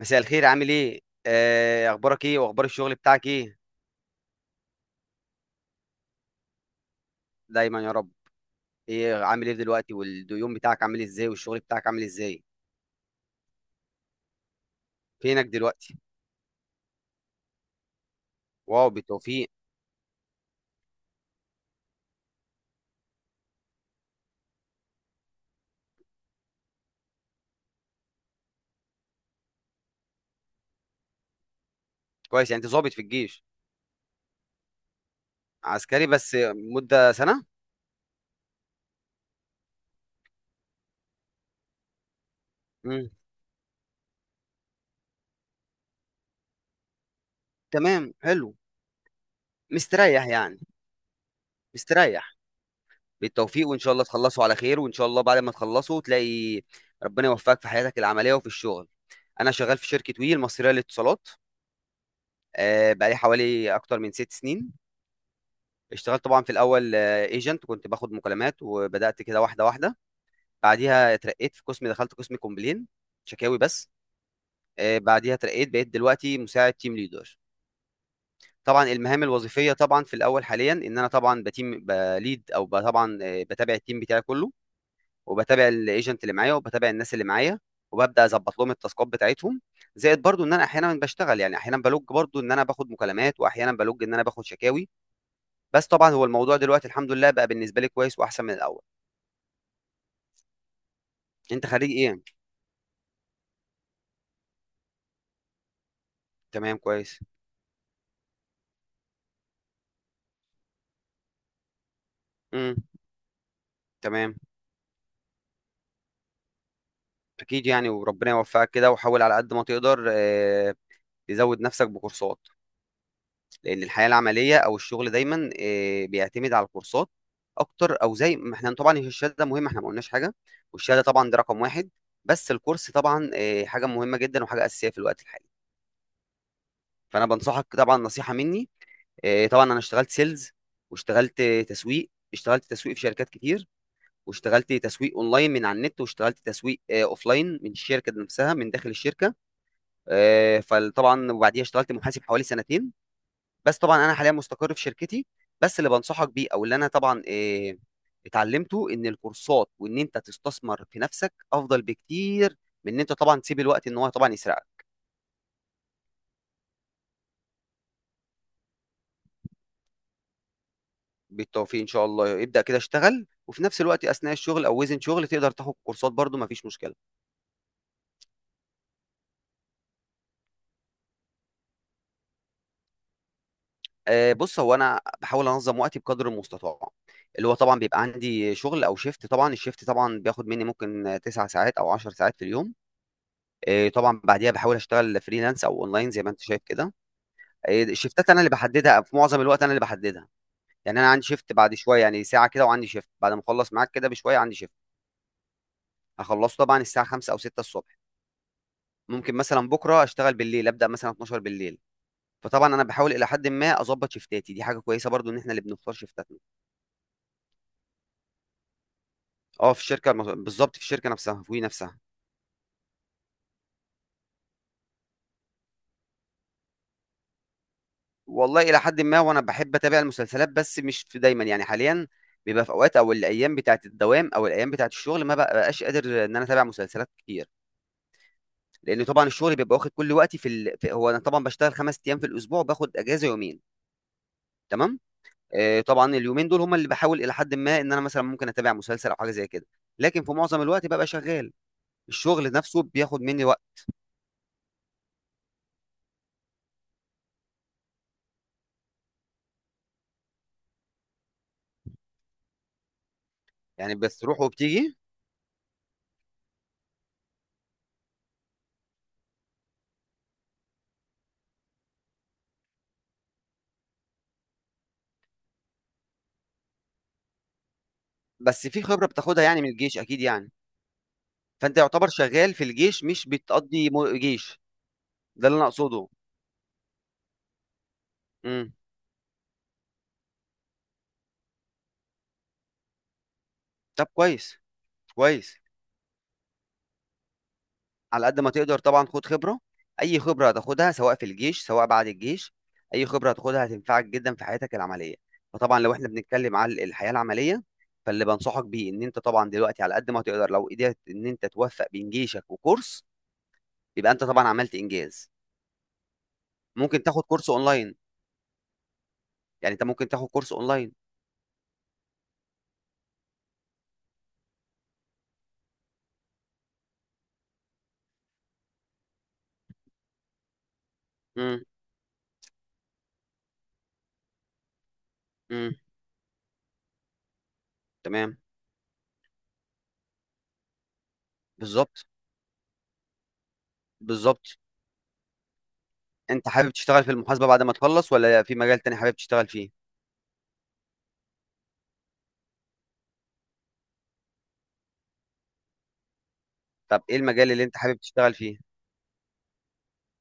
مساء الخير، عامل ايه؟ اخبارك ايه واخبار الشغل بتاعك ايه؟ دايما يا رب. ايه عامل ايه دلوقتي واليوم بتاعك عامل ازاي والشغل بتاعك عامل ازاي؟ فينك دلوقتي؟ واو، بالتوفيق. كويس، يعني انت ظابط في الجيش؟ عسكري بس؟ مدة سنة. مم. تمام، حلو. مستريح يعني؟ مستريح. بالتوفيق وان شاء الله تخلصوا على خير، وان شاء الله بعد ما تخلصوا تلاقي ربنا يوفقك في حياتك العملية وفي الشغل. انا شغال في شركة وي المصرية للاتصالات. بقالي حوالي اكتر من 6 سنين. اشتغلت طبعا في الاول ايجنت، كنت باخد مكالمات وبدات كده واحده واحده. بعديها اترقيت في قسم، دخلت قسم كومبلين، شكاوي بس. بعديها اترقيت، بقيت دلوقتي مساعد تيم ليدر. طبعا المهام الوظيفيه، طبعا في الاول حاليا ان انا طبعا بتيم بليد طبعا، بتابع التيم بتاعي كله، وبتابع الايجنت اللي معايا، وبتابع الناس اللي معايا، وببدا اظبط لهم التاسكات بتاعتهم. زائد برضو ان انا احيانا بشتغل، يعني احيانا بلوج برضو ان انا باخد مكالمات، واحيانا بلوج ان انا باخد شكاوي. بس طبعا هو الموضوع دلوقتي الحمد لله بقى بالنسبه لي كويس واحسن من الاول. انت خريج ايه؟ تمام، كويس. امم. تمام. اكيد يعني، وربنا يوفقك كده، وحاول على قد ما تقدر تزود نفسك بكورسات. لان الحياه العمليه او الشغل دايما بيعتمد على الكورسات اكتر. او زي ما احنا طبعا، هي الشهاده مهمه، احنا ما قلناش حاجه، والشهاده طبعا ده رقم واحد. بس الكورس طبعا حاجه مهمه جدا وحاجه اساسيه في الوقت الحالي. فانا بنصحك طبعا نصيحه مني. طبعا انا اشتغلت سيلز، واشتغلت تسويق، اشتغلت تسويق في شركات كتير، واشتغلت تسويق اونلاين من على النت، واشتغلت تسويق اوفلاين من الشركه نفسها، من داخل الشركه. فطبعا وبعديها اشتغلت محاسب حوالي سنتين. بس طبعا انا حاليا مستقر في شركتي. بس اللي بنصحك بيه او اللي انا طبعا اتعلمته، ان الكورسات وان انت تستثمر في نفسك افضل بكتير من ان انت طبعا تسيب الوقت ان هو طبعا يسرقك. بالتوفيق ان شاء الله، ابدا كده اشتغل، وفي نفس الوقت اثناء الشغل او وزن شغل تقدر تاخد كورسات برضو، مفيش مشكله. بص، هو انا بحاول انظم وقتي بقدر المستطاع. اللي هو طبعا بيبقى عندي شغل او شيفت، طبعا الشيفت طبعا بياخد مني ممكن 9 ساعات او 10 ساعات في اليوم. طبعا بعديها بحاول اشتغل فريلانس او اونلاين زي ما انت شايف كده. الشيفتات انا اللي بحددها في معظم الوقت، انا اللي بحددها. يعني انا عندي شيفت بعد شويه، يعني ساعه كده، وعندي شيفت بعد ما اخلص معاك كده بشويه عندي شيفت هخلصه طبعا الساعه 5 او 6 الصبح. ممكن مثلا بكره اشتغل بالليل، ابدا مثلا 12 بالليل. فطبعا انا بحاول الى حد ما اظبط شيفتاتي، دي حاجه كويسه برضو ان احنا اللي بنختار شيفتاتنا. في الشركة بالضبط، في الشركة نفسها، في وي نفسها. والله إلى حدٍ ما، وأنا باحب أتابع المسلسلات، بس مش في دايمًا، يعني حاليًا بيبقى في أوقات، أو الأيام بتاعة الدوام أو الأيام بتاعة الشغل ما بابقاش قادر إن أنا أتابع مسلسلات كتير، لإن طبعًا الشغل بيبقى واخد كل وقتي في هو أنا طبعًا باشتغل 5 أيام في الأسبوع وباخد إجازة يومين. تمام؟ طبعًا اليومين دول هم اللي باحاول إلى حدٍ ما إن أنا مثلًا ممكن أتابع مسلسل أو حاجة زي كده، لكن في معظم الوقت بابقى شغال، الشغل نفسه بياخد مني وقت، يعني بتروح وبتيجي. بس في خبرة بتاخدها يعني من الجيش أكيد يعني. فانت يعتبر شغال في الجيش، مش بتقضي جيش. ده اللي انا اقصده. امم. طب كويس، كويس. على قد ما تقدر طبعا خد خبره. اي خبره هتاخدها سواء في الجيش سواء بعد الجيش، اي خبره هتاخدها هتنفعك جدا في حياتك العمليه. فطبعا لو احنا بنتكلم على الحياه العمليه، فاللي بنصحك بيه ان انت طبعا دلوقتي على قد ما تقدر، لو قدرت ان انت توفق بين جيشك وكورس، يبقى انت طبعا عملت انجاز. ممكن تاخد كورس اونلاين. يعني انت ممكن تاخد كورس اونلاين. امم. امم. تمام. بالظبط. بالظبط، انت حابب تشتغل في المحاسبة بعد ما تخلص ولا في مجال تاني حابب تشتغل فيه؟ طب ايه المجال اللي انت حابب تشتغل فيه؟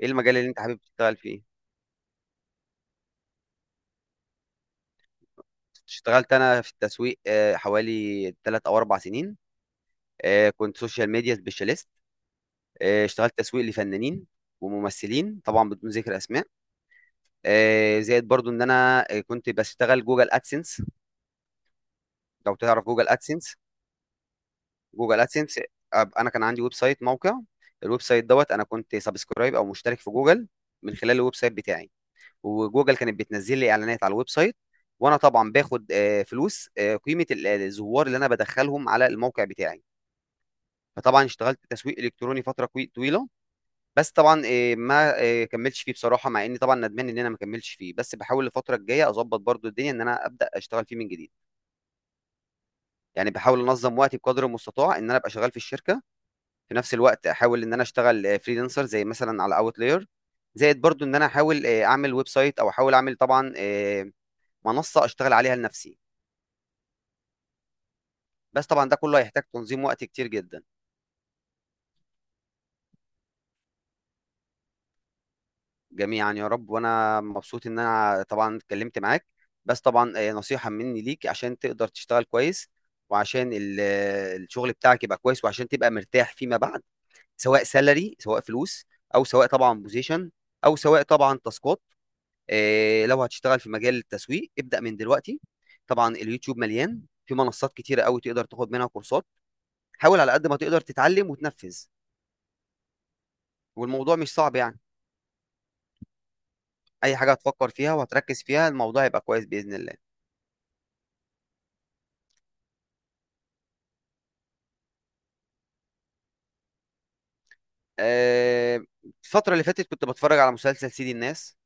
ايه المجال اللي انت حابب تشتغل فيه؟ اشتغلت انا في التسويق حوالي 3 او 4 سنين. كنت سوشيال ميديا سبيشاليست. اشتغلت تسويق لفنانين وممثلين طبعا بدون ذكر اسماء. زائد برضو ان انا كنت بشتغل جوجل ادسنس، لو تعرف جوجل ادسنس. جوجل ادسنس. انا كان عندي ويب سايت موقع. الويب سايت دوت، انا كنت سبسكرايب او مشترك في جوجل من خلال الويب سايت بتاعي، وجوجل كانت بتنزل لي اعلانات على الويب سايت. وانا طبعا باخد فلوس، قيمه الزوار اللي انا بدخلهم على الموقع بتاعي. فطبعا اشتغلت تسويق الكتروني فتره طويله. بس طبعا ما كملتش فيه بصراحه، مع اني طبعا ندمان ان انا ما كملتش فيه، بس بحاول الفتره الجايه اظبط برضو الدنيا ان انا ابدا اشتغل فيه من جديد. يعني بحاول انظم وقتي بقدر المستطاع ان انا ابقى شغال في الشركه، في نفس الوقت احاول ان انا اشتغل فريلانسر زي مثلا على اوتلاير. زائد برضو ان انا احاول اعمل ويب سايت او احاول اعمل طبعا منصه اشتغل عليها لنفسي. بس طبعا ده كله هيحتاج تنظيم وقت كتير جدا. جميعا يا رب، وانا مبسوط ان انا طبعا اتكلمت معاك. بس طبعا نصيحة مني ليك عشان تقدر تشتغل كويس، وعشان الشغل بتاعك يبقى كويس، وعشان تبقى مرتاح فيما بعد، سواء سالري سواء فلوس، او سواء طبعا بوزيشن، او سواء طبعا تاسكات. لو هتشتغل في مجال التسويق ابدأ من دلوقتي. طبعا اليوتيوب مليان، في منصات كتيرة قوي تقدر تاخد منها كورسات. حاول على قد ما تقدر تتعلم وتنفذ، والموضوع مش صعب يعني. اي حاجه هتفكر فيها وهتركز فيها الموضوع هيبقى كويس باذن الله. آه، الفتره اللي فاتت كنت بتفرج على مسلسل سيدي الناس،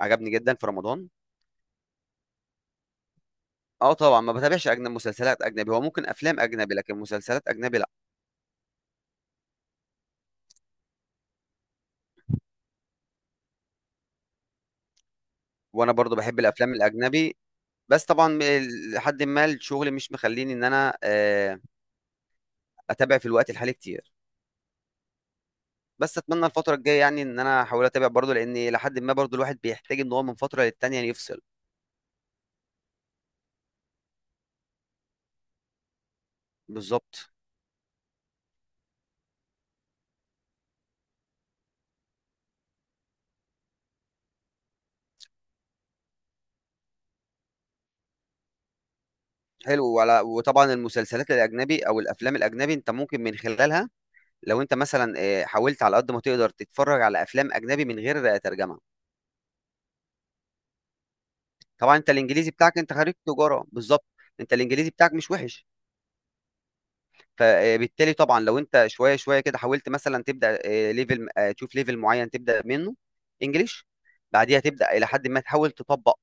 عجبني جدا في رمضان. اه، طبعا ما بتابعش اجنبي، مسلسلات اجنبي هو ممكن افلام اجنبي لكن مسلسلات اجنبي لا. وانا برضو بحب الافلام الاجنبي، بس طبعا لحد ما الشغل مش مخليني ان انا اتابع في الوقت الحالي كتير. بس اتمنى الفتره الجايه يعني ان انا احاول اتابع برضو، لان لحد ما برضو الواحد بيحتاج ان هو من فتره للتانيه يفصل. بالظبط. حلو، وعلى وطبعا المسلسلات الاجنبي او الافلام الاجنبي انت ممكن من خلالها، لو انت مثلا حاولت على قد ما تقدر تتفرج على افلام اجنبي من غير ترجمه. طبعا انت الانجليزي بتاعك، انت خريج تجاره بالظبط، انت الانجليزي بتاعك مش وحش. فبالتالي طبعا لو انت شويه شويه كده حاولت مثلا تبدا ليفل تشوف ليفل معين تبدا منه انجليش. بعديها تبدا الى حد ما تحاول تطبق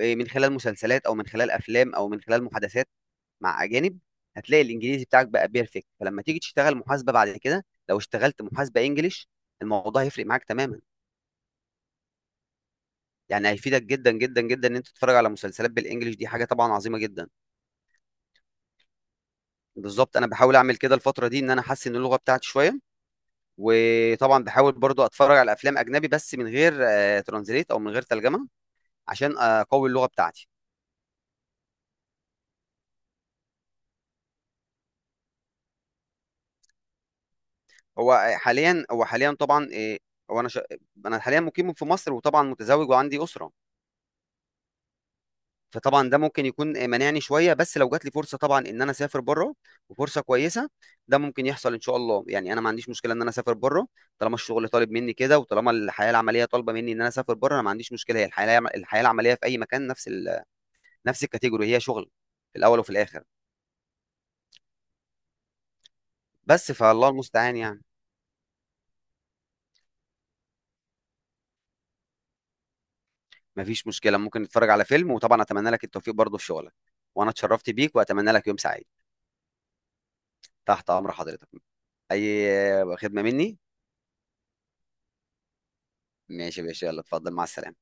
من خلال مسلسلات او من خلال افلام او من خلال محادثات مع اجانب. هتلاقي الانجليزي بتاعك بقى بيرفكت، فلما تيجي تشتغل محاسبه بعد كده لو اشتغلت محاسبه انجليش، الموضوع هيفرق معاك تماما. يعني هيفيدك جدا جدا جدا ان انت تتفرج على مسلسلات بالانجليش، دي حاجه طبعا عظيمه جدا. بالظبط، انا بحاول اعمل كده الفتره دي ان انا احسن اللغه بتاعتي شويه. وطبعا بحاول برضو اتفرج على افلام اجنبي بس من غير ترانزليت او من غير ترجمه، عشان اقوي اللغه بتاعتي. هو آه، حاليا هو حاليا طبعا آه، هو انا شا... انا حاليا مقيم في مصر، وطبعا متزوج وعندي اسره. فطبعا ده ممكن يكون مانعني شويه، بس لو جات لي فرصه طبعا ان انا اسافر بره، وفرصه كويسه، ده ممكن يحصل ان شاء الله. يعني انا ما عنديش مشكله ان انا اسافر بره، طالما الشغل طالب مني كده، وطالما الحياه العمليه طالبه مني ان انا اسافر بره، انا ما عنديش مشكله. هي الحياه العمليه في اي مكان نفس نفس الكاتيجوري، هي شغل في الاول وفي الاخر. بس فالله المستعان يعني. ما فيش مشكله، ممكن نتفرج على فيلم، وطبعا اتمنى لك التوفيق برضه في شغلك، وانا اتشرفت بيك واتمنى لك يوم سعيد. تحت امر حضرتك، اي خدمه مني. ماشي يا باشا، يلا اتفضل مع السلامه.